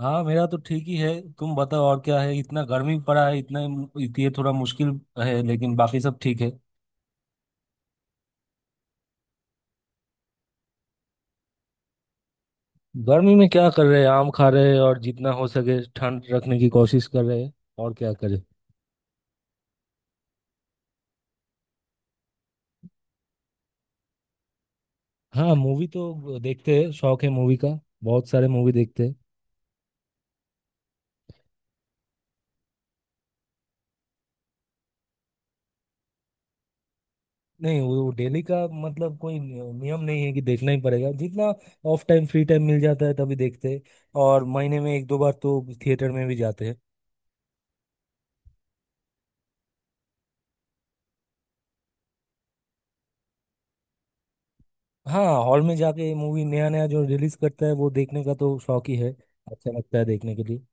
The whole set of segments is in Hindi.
हाँ मेरा तो ठीक ही है। तुम बताओ और क्या है इतना गर्मी पड़ा है इतना। ये थोड़ा मुश्किल है लेकिन बाकी सब ठीक है। गर्मी में क्या कर रहे हैं आम खा रहे हैं और जितना हो सके ठंड रखने की कोशिश कर रहे हैं। और क्या करें। हाँ मूवी तो देखते हैं शौक है मूवी का। बहुत सारे मूवी देखते हैं। नहीं वो डेली का मतलब कोई नियम नहीं है कि देखना ही पड़ेगा, जितना ऑफ टाइम फ्री टाइम मिल जाता है तभी देखते हैं। और महीने में एक दो बार तो थिएटर में भी जाते हैं। हाँ हॉल में जाके मूवी नया नया जो रिलीज करता है वो देखने का तो शौक ही है। अच्छा लगता है देखने के लिए।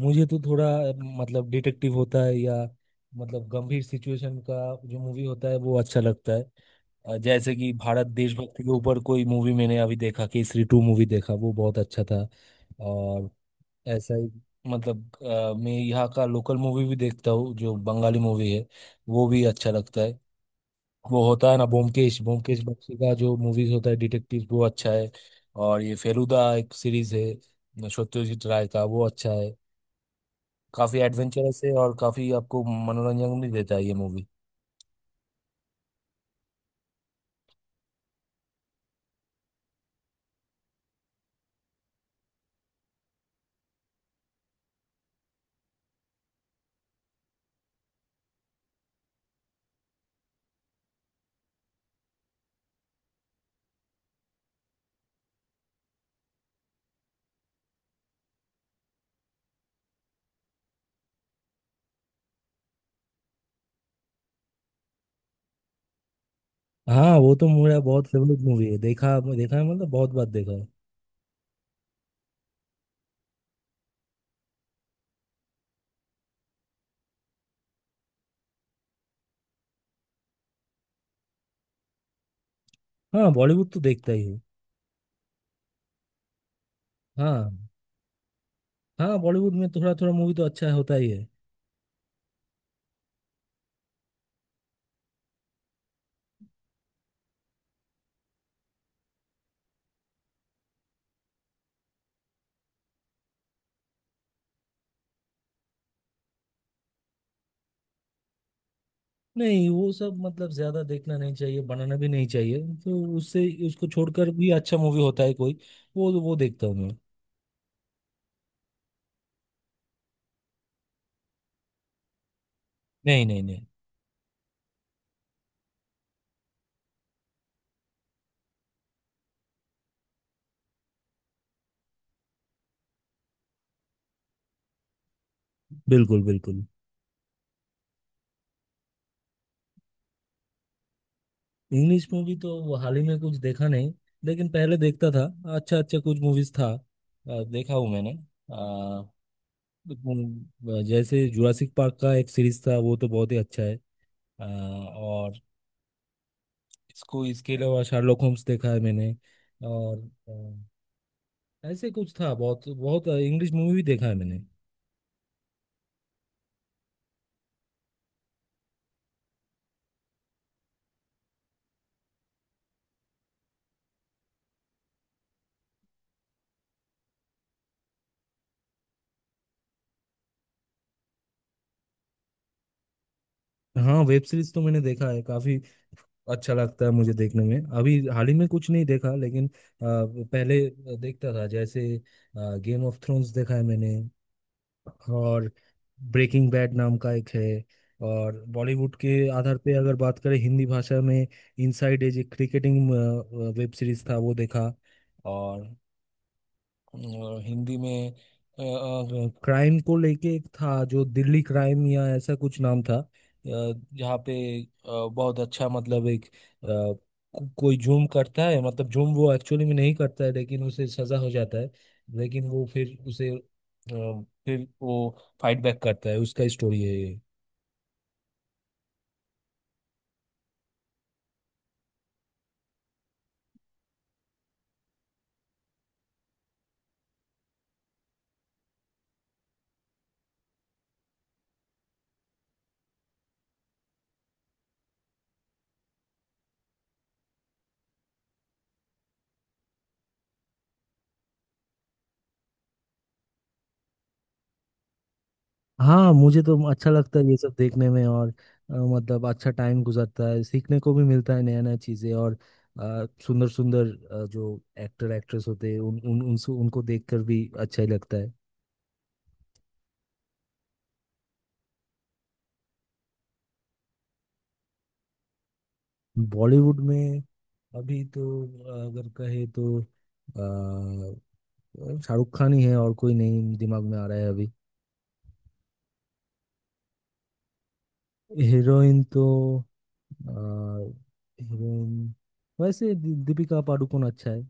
मुझे तो थोड़ा मतलब डिटेक्टिव होता है या मतलब गंभीर सिचुएशन का जो मूवी होता है वो अच्छा लगता है। जैसे कि भारत देशभक्ति के ऊपर कोई मूवी मैंने अभी देखा, केसरी टू मूवी देखा, वो बहुत अच्छा था। और ऐसा ही मतलब मैं यहाँ का लोकल मूवी भी देखता हूँ जो बंगाली मूवी है। वो भी अच्छा लगता है। वो होता है ना ब्योमकेश ब्योमकेश बख्शी का जो मूवीज होता है डिटेक्टिव, वो अच्छा है। और ये फेलुदा एक सीरीज है सत्यजीत राय का, वो अच्छा है। काफी एडवेंचरस है और काफी आपको मनोरंजन भी देता है ये मूवी। हाँ वो तो मेरा बहुत फेवरेट मूवी है, देखा देखा है मतलब बहुत बार देखा है। हाँ बॉलीवुड तो देखता ही हूँ। हाँ। हाँ बॉलीवुड में थोड़ा थोड़ा मूवी तो अच्छा होता ही है। नहीं वो सब मतलब ज्यादा देखना नहीं चाहिए, बनाना भी नहीं चाहिए। तो उससे उसको छोड़कर भी अच्छा मूवी होता है कोई। वो देखता हूँ मैं। नहीं, नहीं, नहीं। बिल्कुल, बिल्कुल। इंग्लिश मूवी तो हाल ही में कुछ देखा नहीं। लेकिन पहले देखता था। अच्छा अच्छा कुछ मूवीज था देखा हूँ मैंने। अ, जैसे जुरासिक पार्क का एक सीरीज था, वो तो बहुत ही अच्छा है। और इसको इसके अलावा शार्लोक होम्स देखा है मैंने। और अ, ऐसे कुछ था, बहुत बहुत इंग्लिश मूवी भी देखा है मैंने। हाँ वेब सीरीज तो मैंने देखा है काफी। अच्छा लगता है मुझे देखने में, अभी हाल ही में कुछ नहीं देखा लेकिन पहले देखता था, जैसे गेम ऑफ थ्रोन्स देखा है मैंने। और ब्रेकिंग बैड नाम का एक है। और बॉलीवुड के आधार पे अगर बात करें हिंदी भाषा में, इनसाइड एज एक क्रिकेटिंग वेब सीरीज था वो देखा। और और हिंदी में क्राइम को लेके एक था जो दिल्ली क्राइम या ऐसा कुछ नाम था, जहाँ पे अ, बहुत अच्छा, मतलब एक कोई जूम करता है, मतलब जूम वो एक्चुअली में नहीं करता है लेकिन उसे सजा हो जाता है। लेकिन वो फिर उसे फिर वो फाइट बैक करता है, उसका स्टोरी है ये। हाँ मुझे तो अच्छा लगता है ये सब देखने में, और मतलब अच्छा टाइम गुजरता है, सीखने को भी मिलता है नया नया चीज़ें। और सुंदर सुंदर जो एक्टर एक्ट्रेस होते हैं, उन उन उनसे उनको देखकर भी अच्छा ही लगता है। बॉलीवुड में अभी तो अगर कहे तो शाहरुख खान ही है, और कोई नहीं दिमाग में आ रहा है अभी। हीरोइन तो अ, हीरोइन वैसे दीपिका पादुकोण अच्छा है।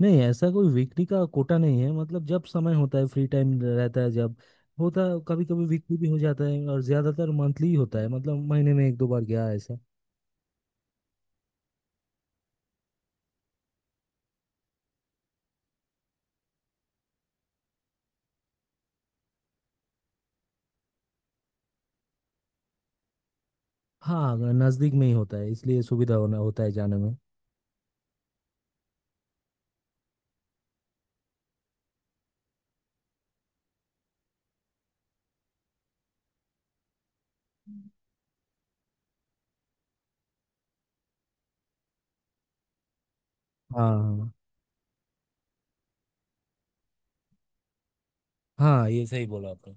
नहीं ऐसा कोई वीकली का कोटा नहीं है, मतलब जब समय होता है फ्री टाइम रहता है जब होता है, कभी कभी वीकली भी हो जाता है और ज्यादातर मंथली ही होता है, मतलब महीने में एक दो बार गया ऐसा। हाँ नजदीक में ही होता है इसलिए सुविधा होना होता है जाने में। हाँ, हाँ। हाँ, ये सही बोला आपने।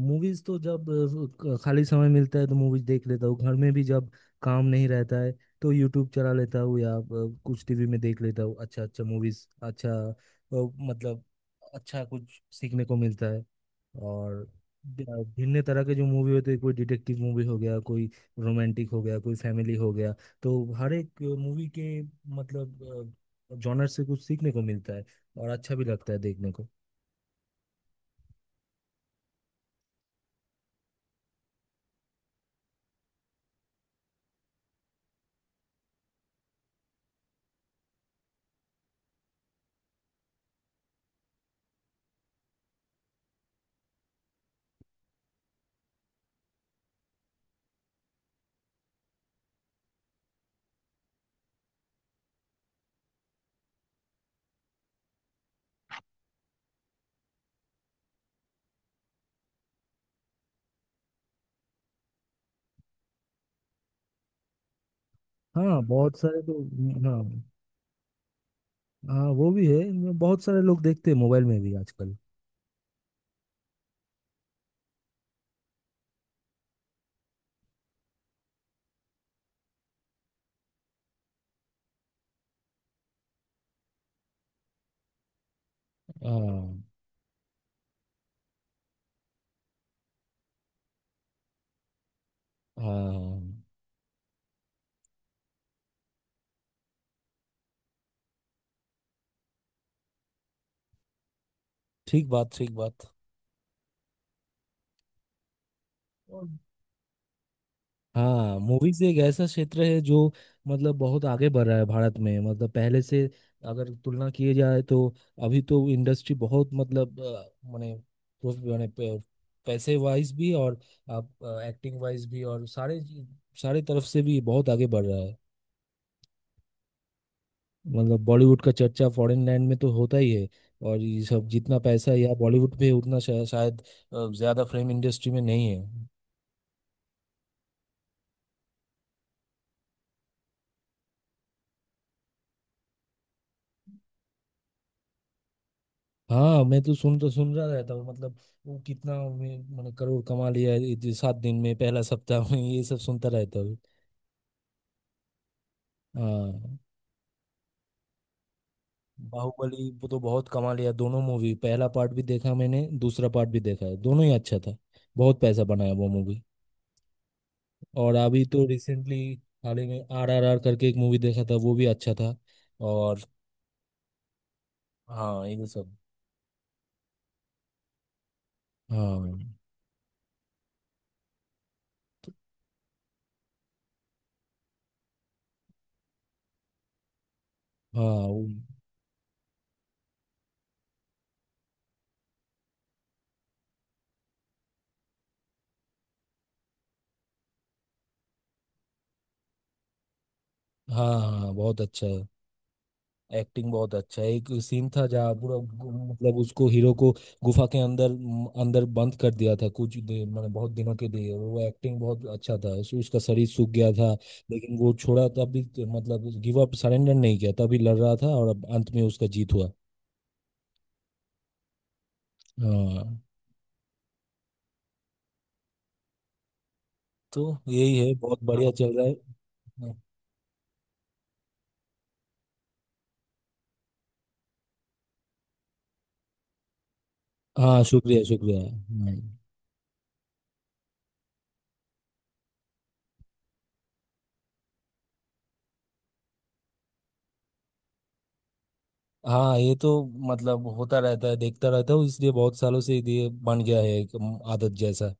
मूवीज तो जब खाली समय मिलता है तो मूवीज देख लेता हूँ, घर में भी जब काम नहीं रहता है तो यूट्यूब चला लेता हूँ या कुछ टीवी में देख लेता हूँ। अच्छा अच्छा मूवीज, अच्छा मतलब अच्छा कुछ सीखने को मिलता है। और भिन्न तरह के जो मूवी होते हैं, कोई डिटेक्टिव मूवी हो गया, कोई रोमांटिक हो गया, कोई फैमिली हो गया, तो हर एक मूवी के मतलब जॉनर से कुछ सीखने को मिलता है और अच्छा भी लगता है देखने को। हाँ बहुत सारे तो। हाँ। हाँ वो भी है, इनमें बहुत सारे लोग देखते हैं मोबाइल में भी आजकल। हाँ। हाँ। ठीक बात, ठीक बात। और- हाँ मूवीज एक ऐसा क्षेत्र है जो मतलब बहुत आगे बढ़ रहा है भारत में, मतलब पहले से अगर तुलना किए जाए तो अभी तो इंडस्ट्री बहुत, मतलब माने माने पे- पैसे वाइज भी और आप एक्टिंग वाइज भी, और सारे सारे तरफ से भी बहुत आगे बढ़ रहा है। मतलब बॉलीवुड का चर्चा फॉरेन लैंड में तो होता ही है। और ये सब जितना पैसा यहाँ बॉलीवुड पे है, उतना शायद ज्यादा फिल्म इंडस्ट्री में नहीं है। हाँ मैं तो सुन रहा रहता हूँ, मतलब वो कितना मतलब करोड़ कमा लिया है, ये सात दिन में, पहला सप्ताह में, ये सब सुनता रहता हूँ। हाँ। बाहुबली वो तो बहुत कमा लिया, दोनों मूवी पहला पार्ट भी देखा मैंने, दूसरा पार्ट भी देखा है, दोनों ही अच्छा था। बहुत पैसा बनाया वो मूवी। और अभी तो रिसेंटली हाल ही में आर आर आर करके एक मूवी देखा था, वो भी अच्छा था। और हाँ ये सब। हाँ। हाँ हाँ, हाँ बहुत अच्छा है, एक्टिंग बहुत अच्छा है। एक सीन था जहाँ पूरा मतलब उसको, हीरो को गुफा के अंदर अंदर बंद कर दिया था कुछ मैंने, बहुत दिनों के लिए वो, एक्टिंग बहुत अच्छा था, उसका शरीर सूख गया था। लेकिन वो छोड़ा तब भी, मतलब गिव अप सरेंडर नहीं किया, तभी लड़ रहा था और अब अंत में उसका जीत हुआ। हाँ तो यही है, बहुत बढ़िया चल रहा है। हाँ, शुक्रिया, शुक्रिया। हम्म। हाँ ये तो मतलब होता रहता है, देखता रहता हूँ इसलिए, बहुत सालों से ये बन गया है एक आदत जैसा।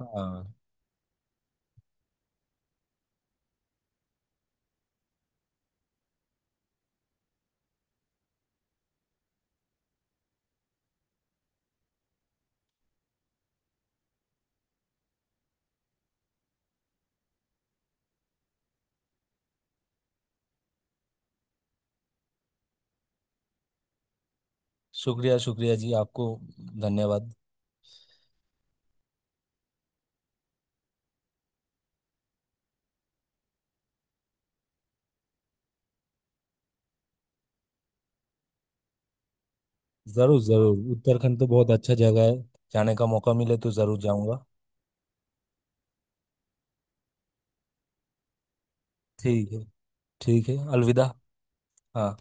हाँ, शुक्रिया, शुक्रिया जी, आपको धन्यवाद। जरूर, जरूर, उत्तराखंड तो बहुत अच्छा जगह है, जाने का मौका मिले तो जरूर जाऊंगा। ठीक है। ठीक है, अलविदा। हाँ।